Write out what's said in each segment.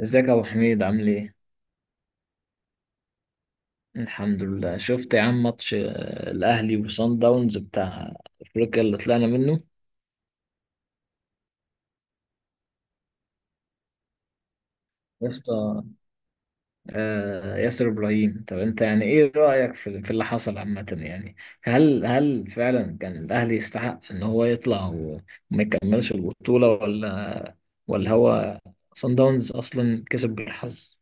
ازيك يا ابو حميد عامل ايه؟ الحمد لله. شفت يا عم ماتش الاهلي وصن داونز بتاع افريقيا اللي طلعنا منه؟ يا اسطى ياسر ابراهيم. طب انت يعني ايه رايك في اللي حصل عامه يعني؟ هل فعلا كان الاهلي يستحق ان هو يطلع وما يكملش البطوله، ولا هو صن داونز اصلا كسب بالحظ؟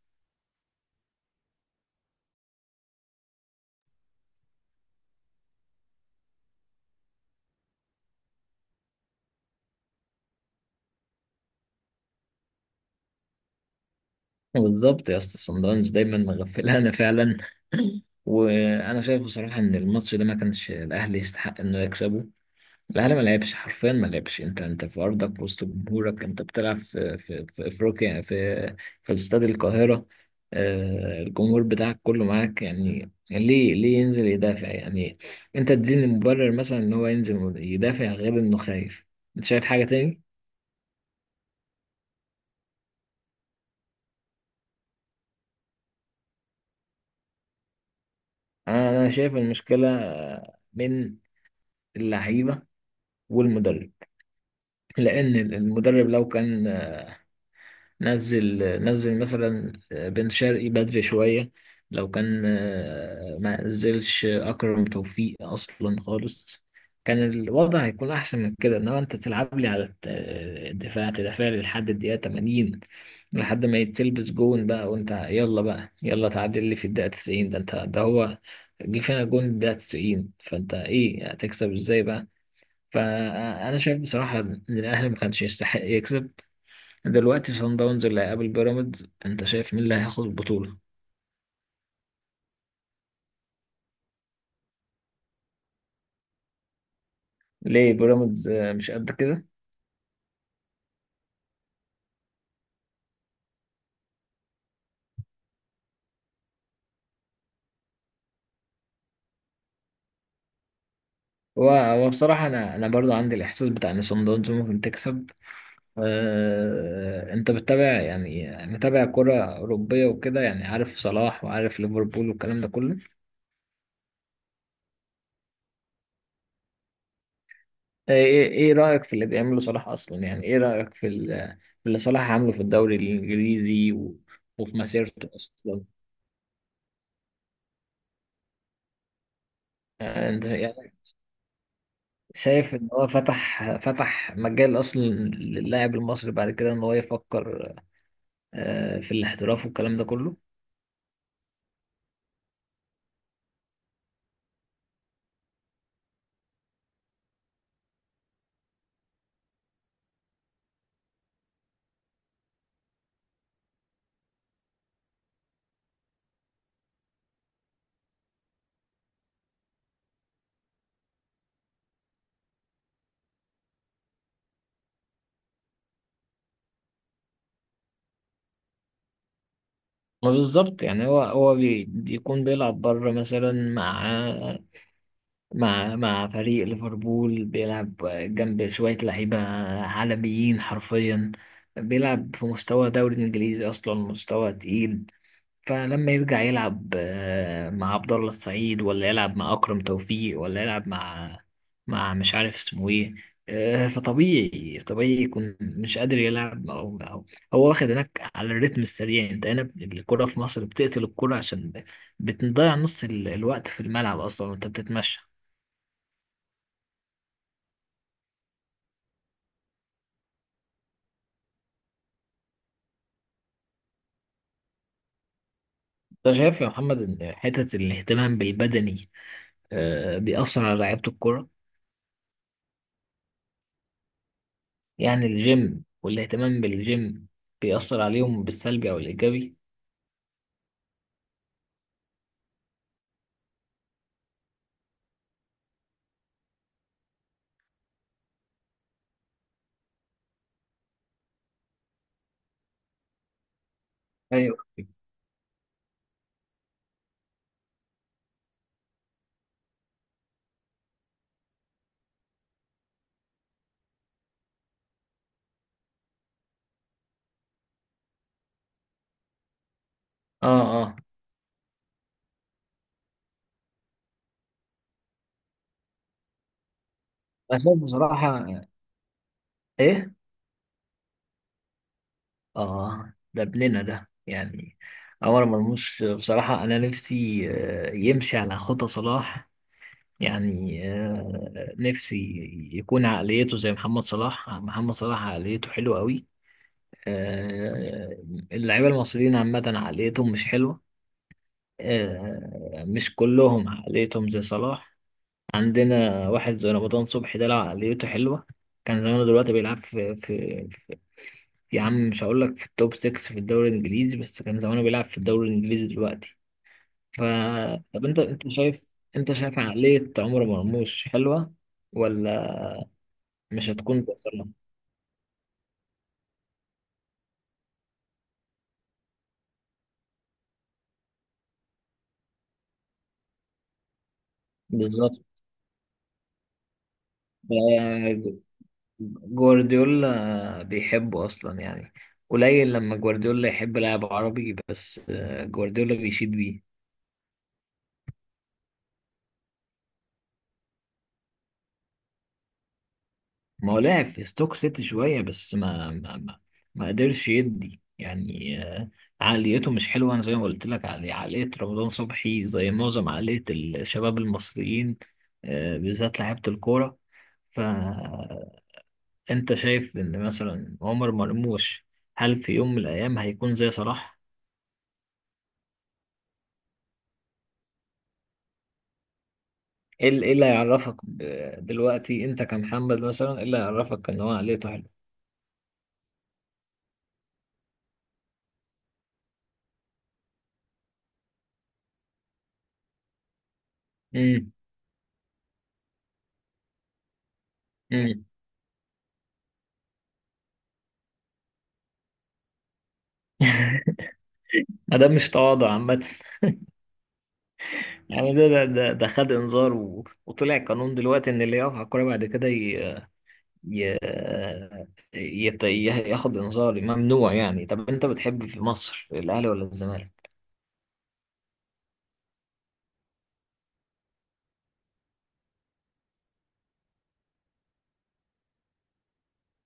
بالظبط يا اسطى، صن داونز دايما مغفلانا فعلا. وانا شايف بصراحه ان الماتش ده ما كانش الاهلي يستحق انه يكسبه. الاهلي ما لعبش حرفيا ما لعبش. انت في ارضك وسط جمهورك، انت بتلعب في في افريقيا في في استاد القاهره. الجمهور بتاعك كله معاك، يعني ليه ينزل يدافع يعني؟ انت تديني مبرر مثلا ان هو ينزل يدافع غير انه خايف؟ انت شايف حاجه تاني؟ أنا شايف المشكله من اللعيبه والمدرب. لان المدرب لو كان نزل، نزل مثلا بن شرقي بدري شويه، لو كان ما نزلش اكرم توفيق اصلا خالص، كان الوضع هيكون احسن من كده. انما انت تلعب لي على الدفاع، تدافع لي لحد الدقيقه 80، لحد ما يتلبس جون بقى وانت يلا بقى يلا تعادل لي في الدقيقه 90، ده انت ده هو جه فينا جون الدقيقه 90، فانت ايه هتكسب ازاي بقى؟ فانا شايف بصراحه ان الاهلي ما كانش يستحق يكسب. دلوقتي صن داونز اللي هيقابل بيراميدز، انت شايف مين اللي هياخد البطوله؟ ليه بيراميدز مش قد كده؟ هو بصراحه انا برضو عندي الاحساس بتاع ان صن داونز ممكن تكسب. انت بتتابع يعني، متابع كره اوروبيه وكده؟ يعني عارف صلاح وعارف ليفربول والكلام ده كله. آه، ايه رايك في اللي بيعمله صلاح اصلا؟ يعني ايه رايك في في اللي صلاح عامله في الدوري الانجليزي وفي مسيرته اصلا؟ انت شايف ان هو فتح مجال اصلا للاعب المصري بعد كده ان هو يفكر في الاحتراف والكلام ده كله؟ ما بالظبط، يعني هو بيكون بيلعب بره مثلا مع مع فريق ليفربول، بيلعب جنب شوية لعيبة عالميين حرفيا، بيلعب في مستوى دوري انجليزي اصلا، مستوى تقيل. فلما يرجع يلعب مع عبد الله السعيد، ولا يلعب مع أكرم توفيق، ولا يلعب مع مش عارف اسمه ايه، فطبيعي، طبيعي يكون مش قادر يلعب، أو هو واخد هناك على الريتم السريع. انت هنا الكرة في مصر بتقتل الكرة عشان بتضيع نص الوقت في الملعب أصلا وانت بتتمشى. انت شايف يا محمد ان حتة الاهتمام بالبدني بيأثر على لعيبة الكرة؟ يعني الجيم والاهتمام بالجيم بيأثر عليهم بالسلبي أو الإيجابي؟ ايوه. اه اه. انا شايف بصراحة، ايه؟ اه، دبلنا ده يعني. عمر مرموش بصراحة انا نفسي يمشي على خطى صلاح. يعني نفسي يكون عقليته زي محمد صلاح. محمد صلاح عقليته حلوة قوي. آه، اللعيبة المصريين عامة عقليتهم مش حلوة، مش كلهم عقليتهم زي صلاح. عندنا واحد زي رمضان صبحي ده، لو عقليته حلوة كان زمانه دلوقتي بيلعب في يا عم، مش هقول لك في التوب 6 في الدوري الانجليزي، بس كان زمانه بيلعب في الدوري الانجليزي دلوقتي. ف، طب انت شايف، انت شايف عقلية عمر مرموش حلوة ولا مش هتكون بتأثرها؟ بالظبط. ف-، جوارديولا بيحبه اصلا يعني، قليل لما جوارديولا يحب لاعب عربي، بس جوارديولا بيشيد بيه. ما هو لعب في ستوك سيتي شوية بس ما قدرش يدي يعني. عقليته مش حلوة. أنا زي ما قلت لك، عقلية رمضان صبحي زي معظم عقلية الشباب المصريين، بالذات لعيبة الكورة. فأنت شايف إن مثلا عمر مرموش هل في يوم من الأيام هيكون زي صلاح؟ إيه إيه اللي هيعرفك دلوقتي أنت كمحمد مثلا إيه اللي هيعرفك إن هو عقليته حلوة؟ امم. امم. ما ده مش تواضع عامة. يعني ده خد انذار و... وطلع قانون دلوقتي ان اللي يقف على الكوره بعد كده ي... يت... ي- ياخد انذار، ممنوع يعني. طب انت بتحب في مصر الاهلي ولا الزمالك؟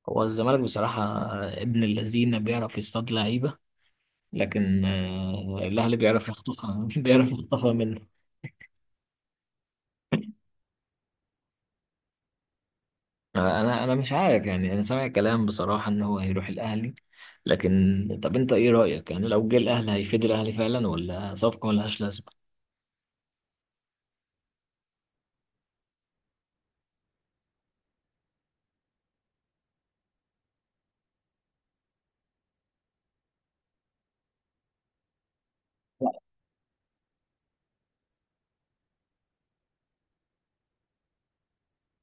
هو الزمالك بصراحه ابن اللذين، بيعرف يصطاد لعيبه، لكن الاهلي بيعرف يخطفها. بيعرف يخطفها منه. انا مش عارف يعني، انا سامع كلام بصراحه ان هو هيروح الاهلي، لكن طب انت ايه رايك يعني؟ لو جه الاهلي هيفيد الاهلي فعلا ولا صفقه ملهاش لازمه؟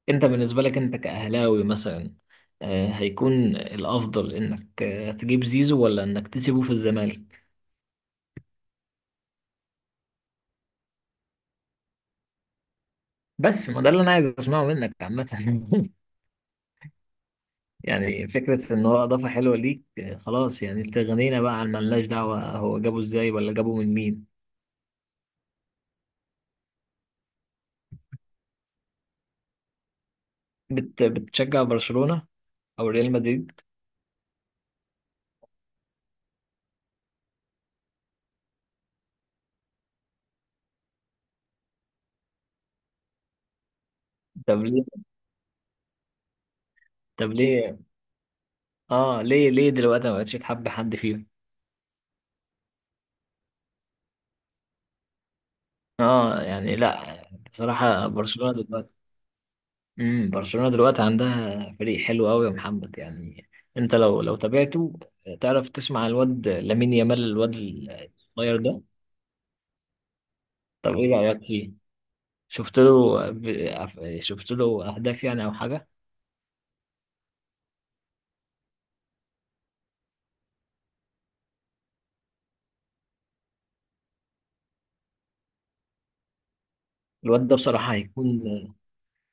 انت بالنسبة لك انت كأهلاوي مثلا هيكون الافضل انك تجيب زيزو ولا انك تسيبه في الزمالك؟ بس ما ده اللي انا عايز اسمعه منك عامة. يعني فكرة ان هو اضافة حلوة ليك خلاص يعني، تغنينا بقى عن ملناش دعوة هو جابه ازاي ولا جابه من مين. بت بتشجع برشلونة او ريال مدريد؟ طب ليه؟ طب ليه؟ اه، ليه دلوقتي ما بقتش تحب حد فيهم؟ اه يعني لا، بصراحة برشلونة دلوقتي. امم، برشلونة دلوقتي عندها فريق حلو قوي يا محمد يعني، انت لو تابعته تعرف تسمع الواد لامين يامال، الواد الصغير ده. طب ايه رأيك فيه؟ شفت له شفت له اهداف يعني او حاجة؟ الواد ده بصراحة هيكون،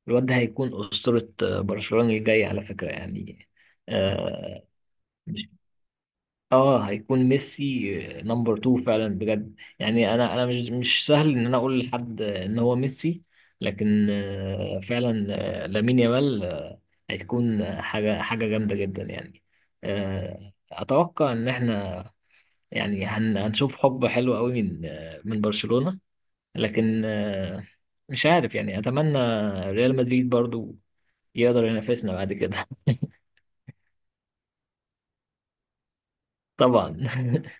الواد ده هيكون أسطورة برشلونة الجاي على فكرة يعني. آه، اه، هيكون ميسي نمبر 2 فعلا بجد يعني. انا انا مش سهل ان انا اقول لحد ان هو ميسي، لكن فعلا لامين يامال هتكون حاجه جامده جدا يعني. اتوقع ان احنا يعني هنشوف حب حلو قوي من من برشلونه، لكن مش عارف يعني، اتمنى ريال مدريد برضو يقدر ينافسنا بعد كده. طبعا.